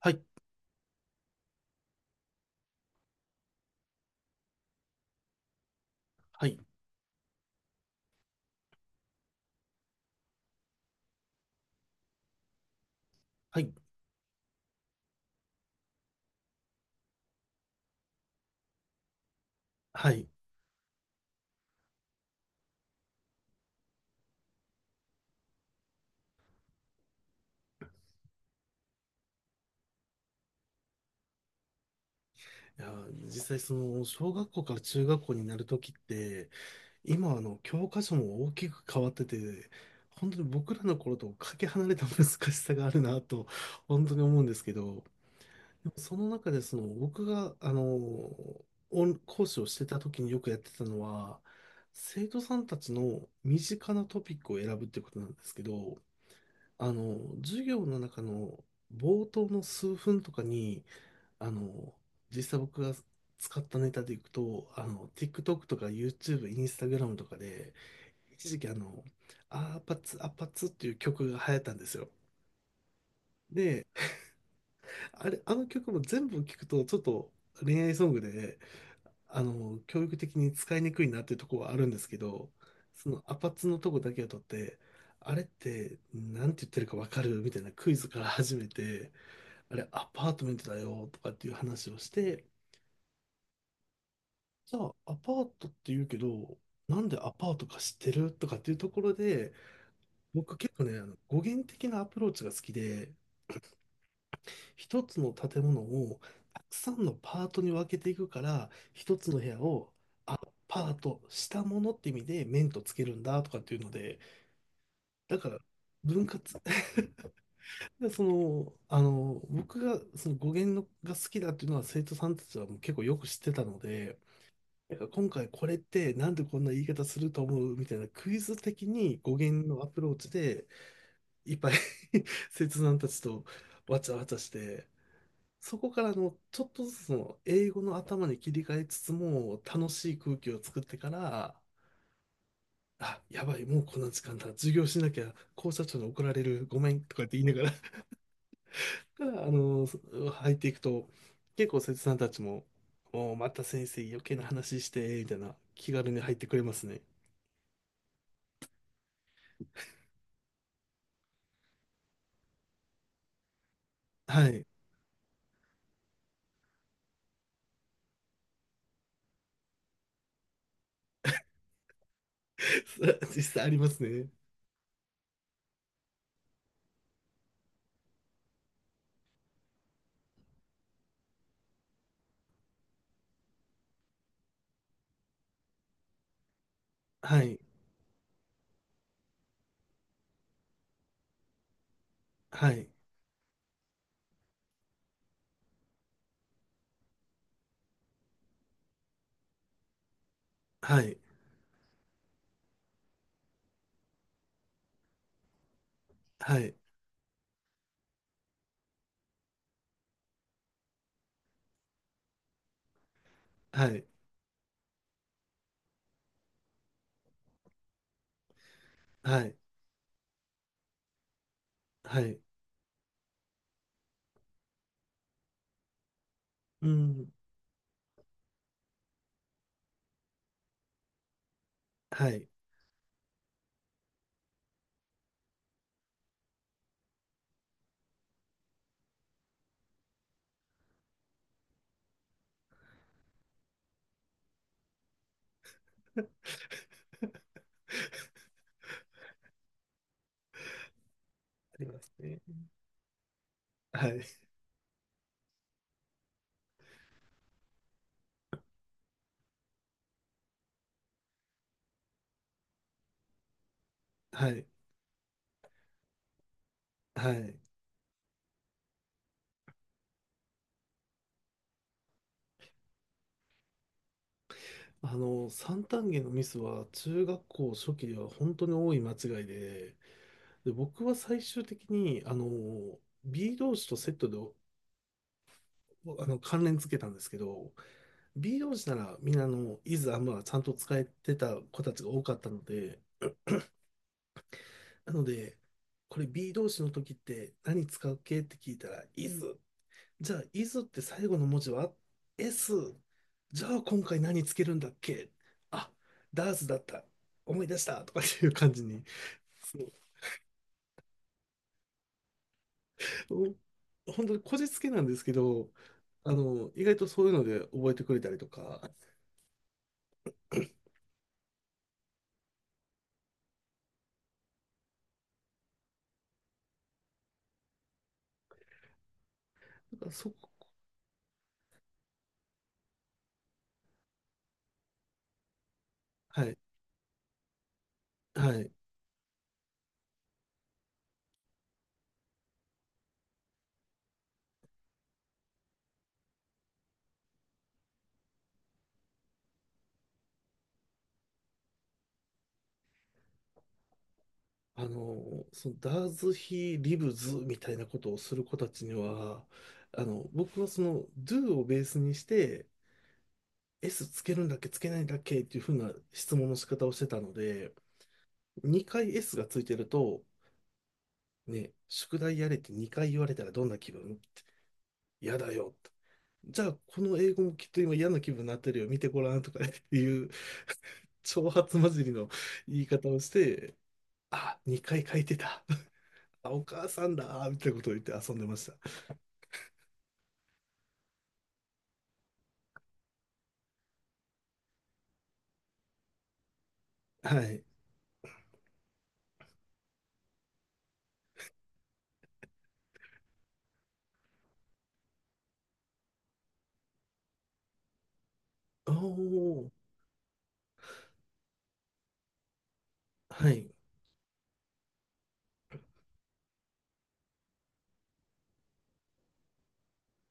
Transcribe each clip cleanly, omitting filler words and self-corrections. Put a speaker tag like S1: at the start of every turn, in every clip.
S1: はい、はい、はい、はい。いや、実際その小学校から中学校になるときって、今教科書も大きく変わってて、本当に僕らの頃とかけ離れた難しさがあるなと、本当に思うんですけど、でもその中でその僕がオン講師をしてたときによくやってたのは、生徒さんたちの身近なトピックを選ぶっていうことなんですけど、あの授業の中の冒頭の数分とかに、あの、実際僕が使ったネタでいくと、TikTok とか YouTube、Instagram とかで、一時期アーパツ、アパツっていう曲が流行ったんですよ。で、あれ、あの曲も全部聞くと、ちょっと恋愛ソングで、教育的に使いにくいなっていうところはあるんですけど、そのアパッツのとこだけを取って、あれって、なんて言ってるかわかるみたいなクイズから始めて、あれ、アパートメントだよとかっていう話をして、じゃあ、アパートって言うけど、なんでアパートか知ってるとかっていうところで、僕結構ね、語源的なアプローチが好きで、一つの建物をたくさんのパートに分けていくから、一つの部屋をアパートしたものって意味で面とつけるんだとかっていうので、だから分割、で僕がその語源のが好きだっていうのは生徒さんたちはもう結構よく知ってたので、なんか今回これってなんでこんな言い方すると思うみたいなクイズ的に語源のアプローチでいっぱい 切断たちとわちゃわちゃしてそこからのちょっとずつの英語の頭に切り替えつつも楽しい空気を作ってからあやばいもうこんな時間だ授業しなきゃ校舎長に怒られるごめんとかって言いながら からあの入っていくと結構切断たちももうまた先生余計な話してみたいな気軽に入ってくれますね。はい。実際ありますね。はい、はい、はい、はい、はい、はい、はい、うん、はい、ありますね。はい、はい、はい。あの、三単元のミスは中学校初期では本当に多い間違いで、で、僕は最終的に、B 同士とセットで、関連付けたんですけど、B 同士ならみんなイズアムはちゃんと使えてた子たちが多かったので、なので、これ B 動詞の時って何使う系って聞いたら、is。じゃあ、is って最後の文字は s。じゃあ、今回何つけるんだっけ、あ、does だった。思い出したとかっていう感じに。そうお本当にこじつけなんですけど、意外とそういうので覚えてくれたりとか、だからそこ、はい、はい。あの、そのダーズ・ヒー・リブズみたいなことをする子たちには、僕はその Do をベースにして S つけるんだっけつけないんだっけっていうふうな質問の仕方をしてたので、2回 S がついてると、ね、宿題やれって2回言われたらどんな気分、嫌だよ。じゃあ、この英語もきっと今嫌な気分になってるよ。見てごらんとかねっていう挑発混じりの言い方をして、あ、2回書いてた。あ、お母さんだ。みたいなことを言って遊んでました。はい。おー、はい、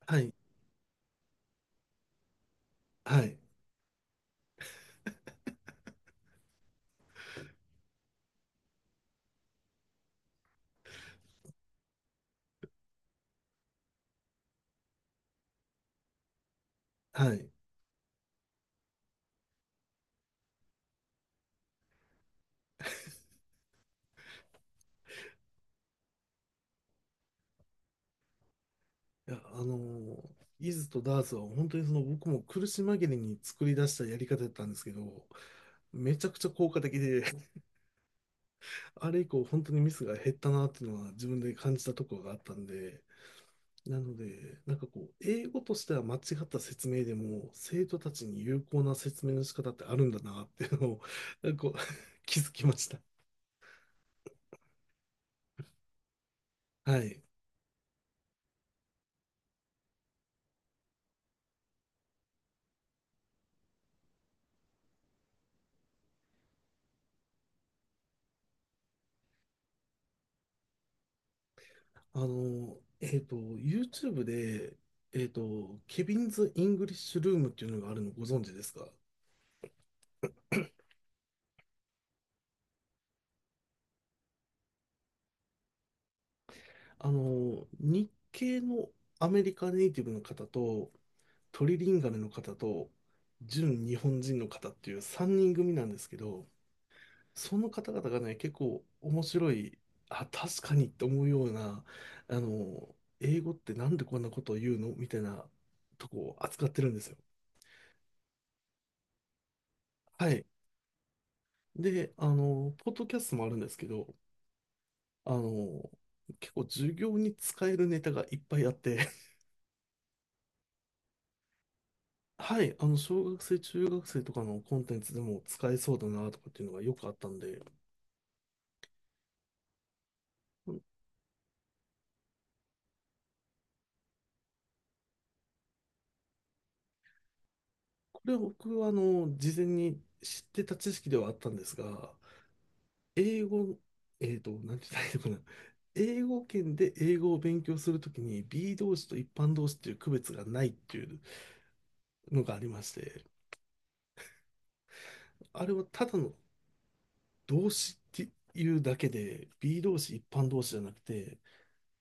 S1: はい、はい、はい。いや、イズとダーツは本当にその僕も苦し紛れに作り出したやり方だったんですけど、めちゃくちゃ効果的で、あれ以降本当にミスが減ったなっていうのは自分で感じたところがあったんで、なので、なんかこう、英語としては間違った説明でも、生徒たちに有効な説明の仕方ってあるんだなっていうのを、なんかこう 気づきました。はい。あの、YouTube で、ケビンズ・イングリッシュルームっていうのがあるのご存知ですか？あの、日系のアメリカネイティブの方と、トリリンガルの方と、純日本人の方っていう3人組なんですけど、その方々がね、結構面白い、あ、確かにって思うような、英語ってなんでこんなことを言うのみたいなとこを扱ってるんですよ。はい。で、ポッドキャストもあるんですけど、あの、結構授業に使えるネタがいっぱいあって はい、あの、小学生、中学生とかのコンテンツでも使えそうだなとかっていうのがよくあったんで、これは僕は、事前に知ってた知識ではあったんですが、英語、なんて言ったらいいのかな。英語圏で英語を勉強するときに B 動詞と一般動詞っていう区別がないっていうのがありまして、あれはただの動詞っていうだけで B 動詞一般動詞じゃなくて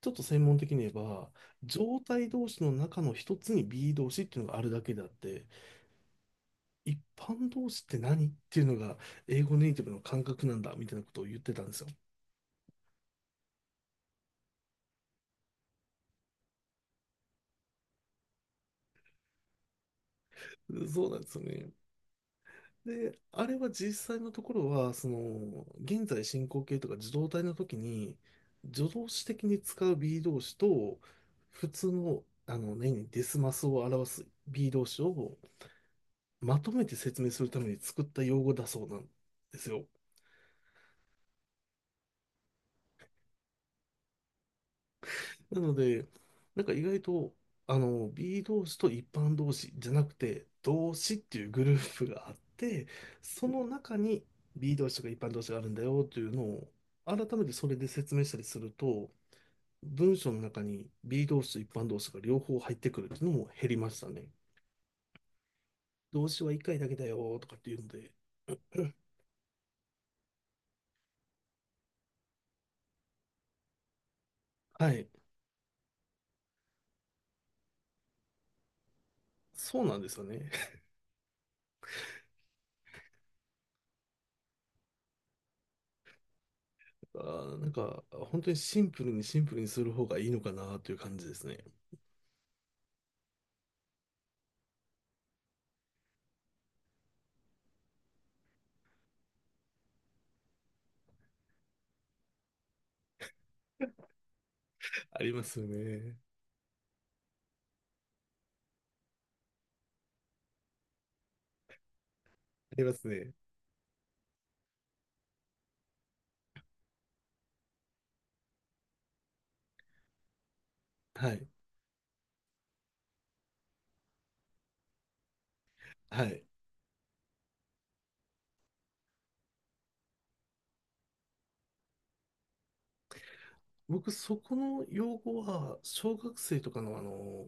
S1: ちょっと専門的に言えば、状態動詞の中の一つに B e 動詞っていうのがあるだけであって、一般動詞って何っていうのが英語ネイティブの感覚なんだみたいなことを言ってたんですよ。そうなんですよね。で、あれは実際のところは、その、現在進行形とか受動態の時に、助動詞的に使う B e 動詞と、普通の、何々デスマスを表す B e 動詞をまとめて説明するために作った用語だそうなんですよ。なので、なんか意外と、B 同士と一般同士じゃなくて、同士っていうグループがあって、その中に B 同士とか一般同士があるんだよというのを、改めてそれで説明したりすると、文章の中に B 同士と一般同士が両方入ってくるっていうのも減りましたね。動詞は一回だけだよとかっていうので、はい、そうなんですよね。あー、なんか、本当にシンプルにシンプルにする方がいいのかなという感じですね。ありますよね。ありますね。はい。はい。僕、そこの用語は、小学生とかの、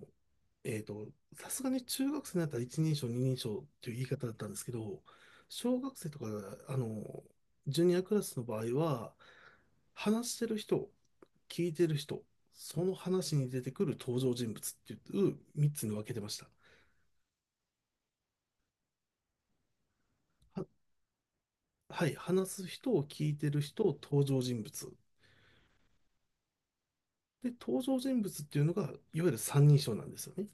S1: えっと、さすがに中学生になったら一人称、二人称っていう言い方だったんですけど、小学生とか、あの、ジュニアクラスの場合は、話してる人、聞いてる人、その話に出てくる登場人物っていう3つに分けてました。は、はい、話す人を聞いてる人、登場人物。で、登場人物っていうのが、いわゆる三人称なんですよね。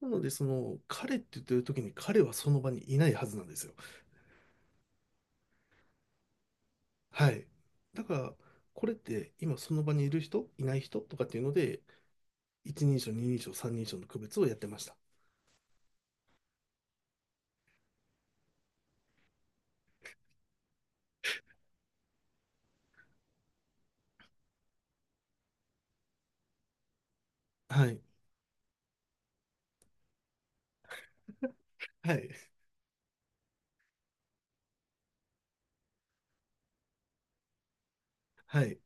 S1: なので、その、彼って言ってる時に彼はその場にいないはずなんですよ。はい。だから、これって今その場にいる人、いない人とかっていうので、一人称、二人称、三人称の区別をやってました。はい。はい。はい。